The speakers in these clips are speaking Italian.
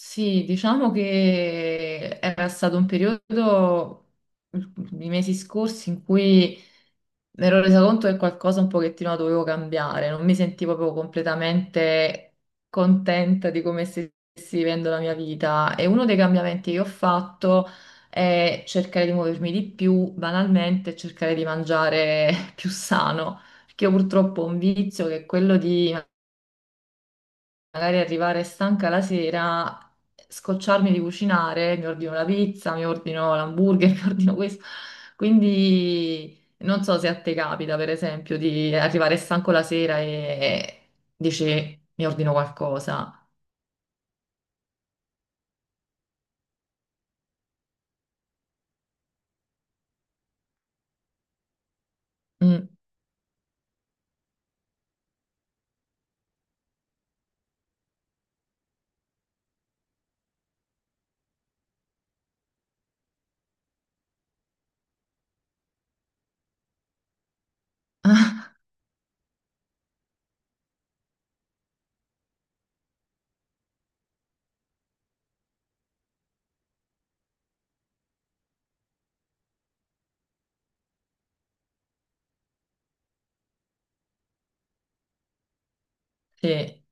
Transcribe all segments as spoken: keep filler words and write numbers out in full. Sì, diciamo che era stato un periodo, i mesi scorsi, in cui mi ero resa conto che qualcosa un pochettino la dovevo cambiare, non mi sentivo proprio completamente contenta di come stessi vivendo la mia vita e uno dei cambiamenti che ho fatto è cercare di muovermi di più, banalmente, e cercare di mangiare più sano, perché io purtroppo ho un vizio che è quello di magari arrivare stanca la sera, scocciarmi di cucinare, mi ordino la pizza, mi ordino l'hamburger, mi ordino questo. Quindi non so se a te capita, per esempio, di arrivare stanco la sera e dici mi ordino qualcosa. Mm. Sì.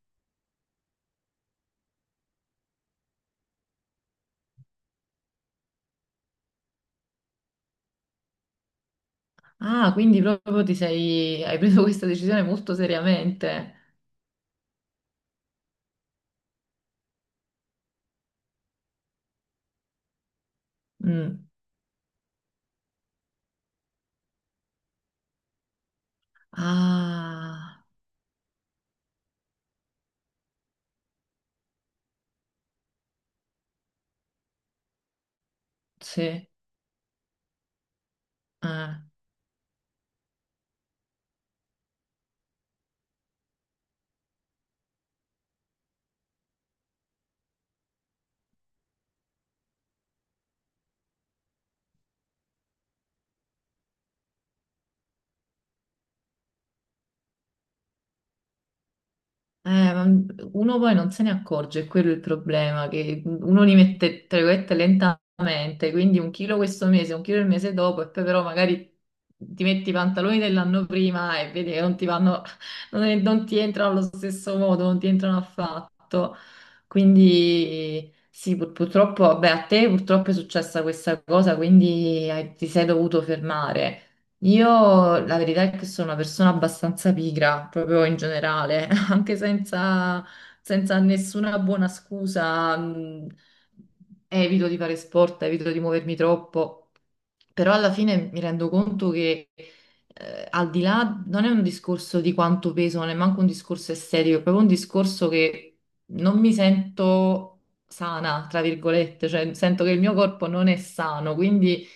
Ah, quindi proprio ti sei... hai preso questa decisione molto seriamente. Mm. Ah, sì. Eh. Eh, ma uno poi non se ne accorge, è quello il problema, che uno li mette, tra virgolette, lentamente, quindi un chilo questo mese, un chilo il mese dopo, e poi però magari ti metti i pantaloni dell'anno prima e vedi che non ti vanno, non, è- non ti entrano allo stesso modo, non ti entrano affatto. Quindi sì, pur- purtroppo, vabbè, a te purtroppo è successa questa cosa, quindi hai- ti sei dovuto fermare. Io la verità è che sono una persona abbastanza pigra, proprio in generale, anche senza, senza nessuna buona scusa, mh, evito di fare sport, evito di muovermi troppo, però alla fine mi rendo conto che eh, al di là non è un discorso di quanto peso, non è manco un discorso estetico, è proprio un discorso che non mi sento sana, tra virgolette, cioè sento che il mio corpo non è sano, quindi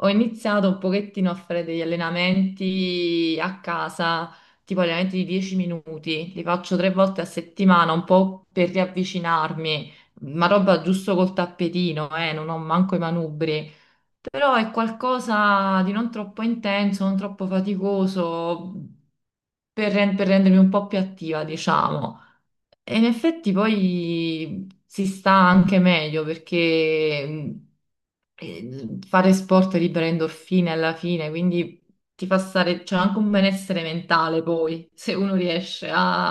ho iniziato un pochettino a fare degli allenamenti a casa, tipo allenamenti di dieci minuti, li faccio tre volte a settimana, un po' per riavvicinarmi, ma roba giusto col tappetino, eh, non ho manco i manubri, però è qualcosa di non troppo intenso, non troppo faticoso, per, ren- per rendermi un po' più attiva, diciamo. E in effetti poi si sta anche meglio perché eh, fare sport libera endorfine alla fine, quindi ti fa stare, c'è anche un benessere mentale poi, se uno riesce a,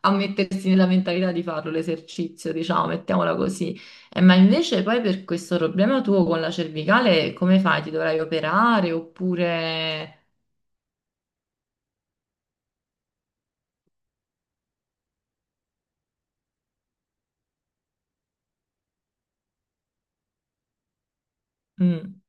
a mettersi nella mentalità di farlo l'esercizio, diciamo, mettiamola così. Eh, ma invece poi per questo problema tuo con la cervicale, come fai? Ti dovrai operare oppure. Mm,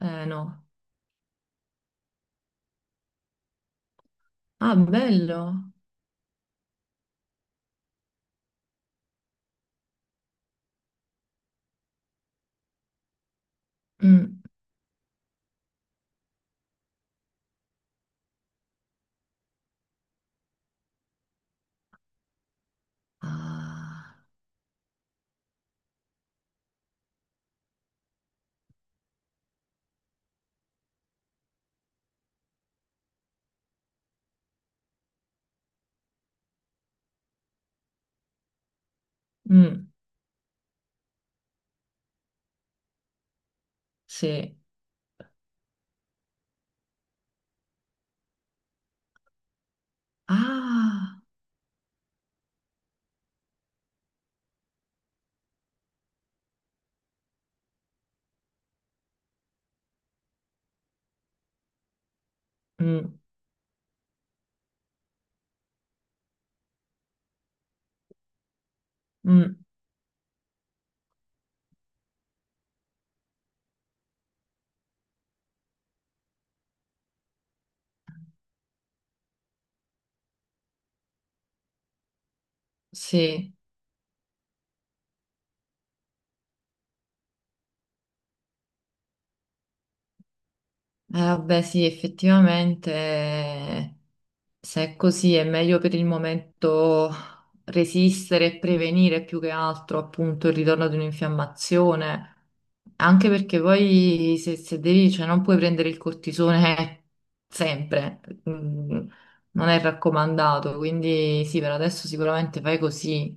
eh, no. Ah, bello. Mm. Ah, mm, sì. Ah, mm, mm, sì. Eh, vabbè, sì, effettivamente, eh, se è così è meglio per il momento resistere e prevenire più che altro appunto il ritorno di un'infiammazione, anche perché poi se, se, devi, cioè non puoi prendere il cortisone sempre, mm, non è raccomandato, quindi sì, per adesso sicuramente fai così.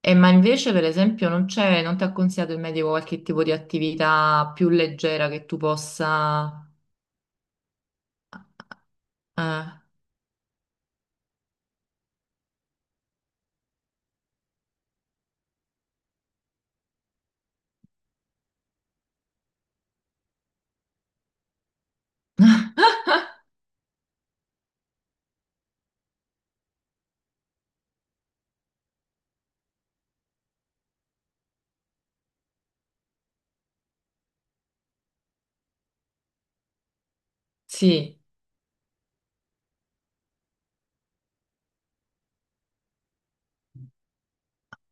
E ma invece, per esempio, non c'è, non ti ha consigliato il medico qualche tipo di attività più leggera che tu possa. Eh. Sì,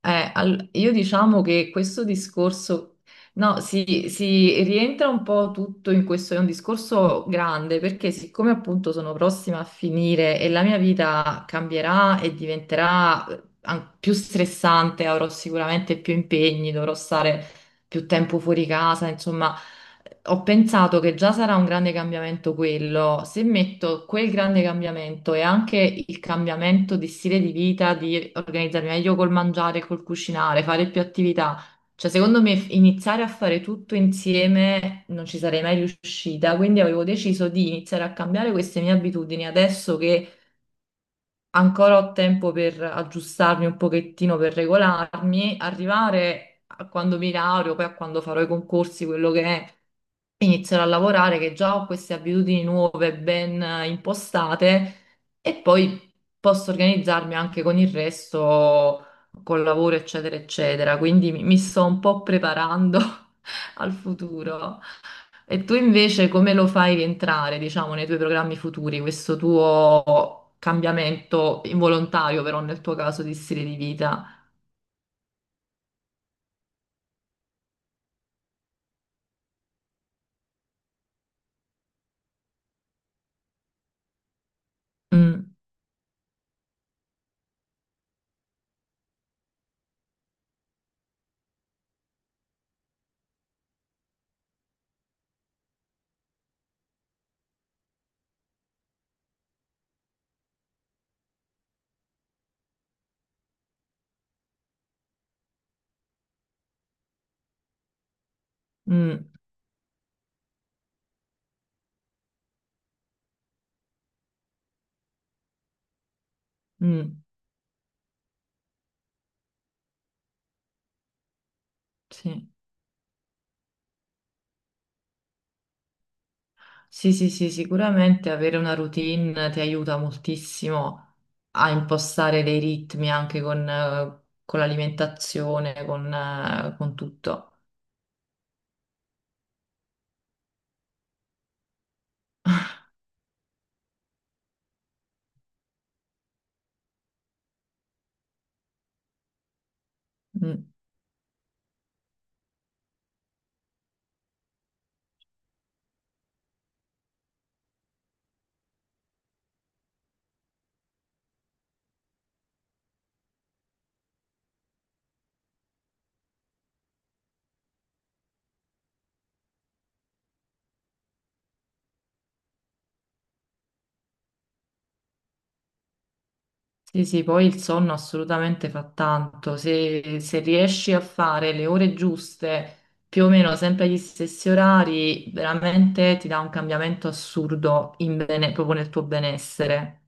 eh, al- io diciamo che questo discorso, no, si, si rientra un po' tutto in questo, è un discorso grande perché siccome appunto sono prossima a finire e la mia vita cambierà e diventerà eh, an- più stressante, avrò sicuramente più impegni, dovrò stare più tempo fuori casa, insomma. Ho pensato che già sarà un grande cambiamento quello. Se metto quel grande cambiamento e anche il cambiamento di stile di vita, di organizzarmi meglio col mangiare, col cucinare, fare più attività, cioè secondo me f- iniziare a fare tutto insieme non ci sarei mai riuscita. Quindi avevo deciso di iniziare a cambiare queste mie abitudini adesso che ancora ho tempo per aggiustarmi un pochettino, per regolarmi, arrivare a quando mi laureo, poi a quando farò i concorsi, quello che è, inizierò a lavorare, che già ho queste abitudini nuove ben eh, impostate e poi posso organizzarmi anche con il resto, col lavoro, eccetera, eccetera. Quindi mi mi sto un po' preparando al futuro. E tu invece come lo fai rientrare, diciamo, nei tuoi programmi futuri, questo tuo cambiamento involontario, però nel tuo caso di stile di vita? Mm, mm, mm, sì. Sì, sì, sì, sicuramente avere una routine ti aiuta moltissimo a impostare dei ritmi anche con, eh, con l'alimentazione, con, eh, con tutto. Mm. Sì, sì, poi il sonno assolutamente fa tanto. Se, se, riesci a fare le ore giuste, più o meno sempre agli stessi orari, veramente ti dà un cambiamento assurdo in bene- proprio nel tuo benessere.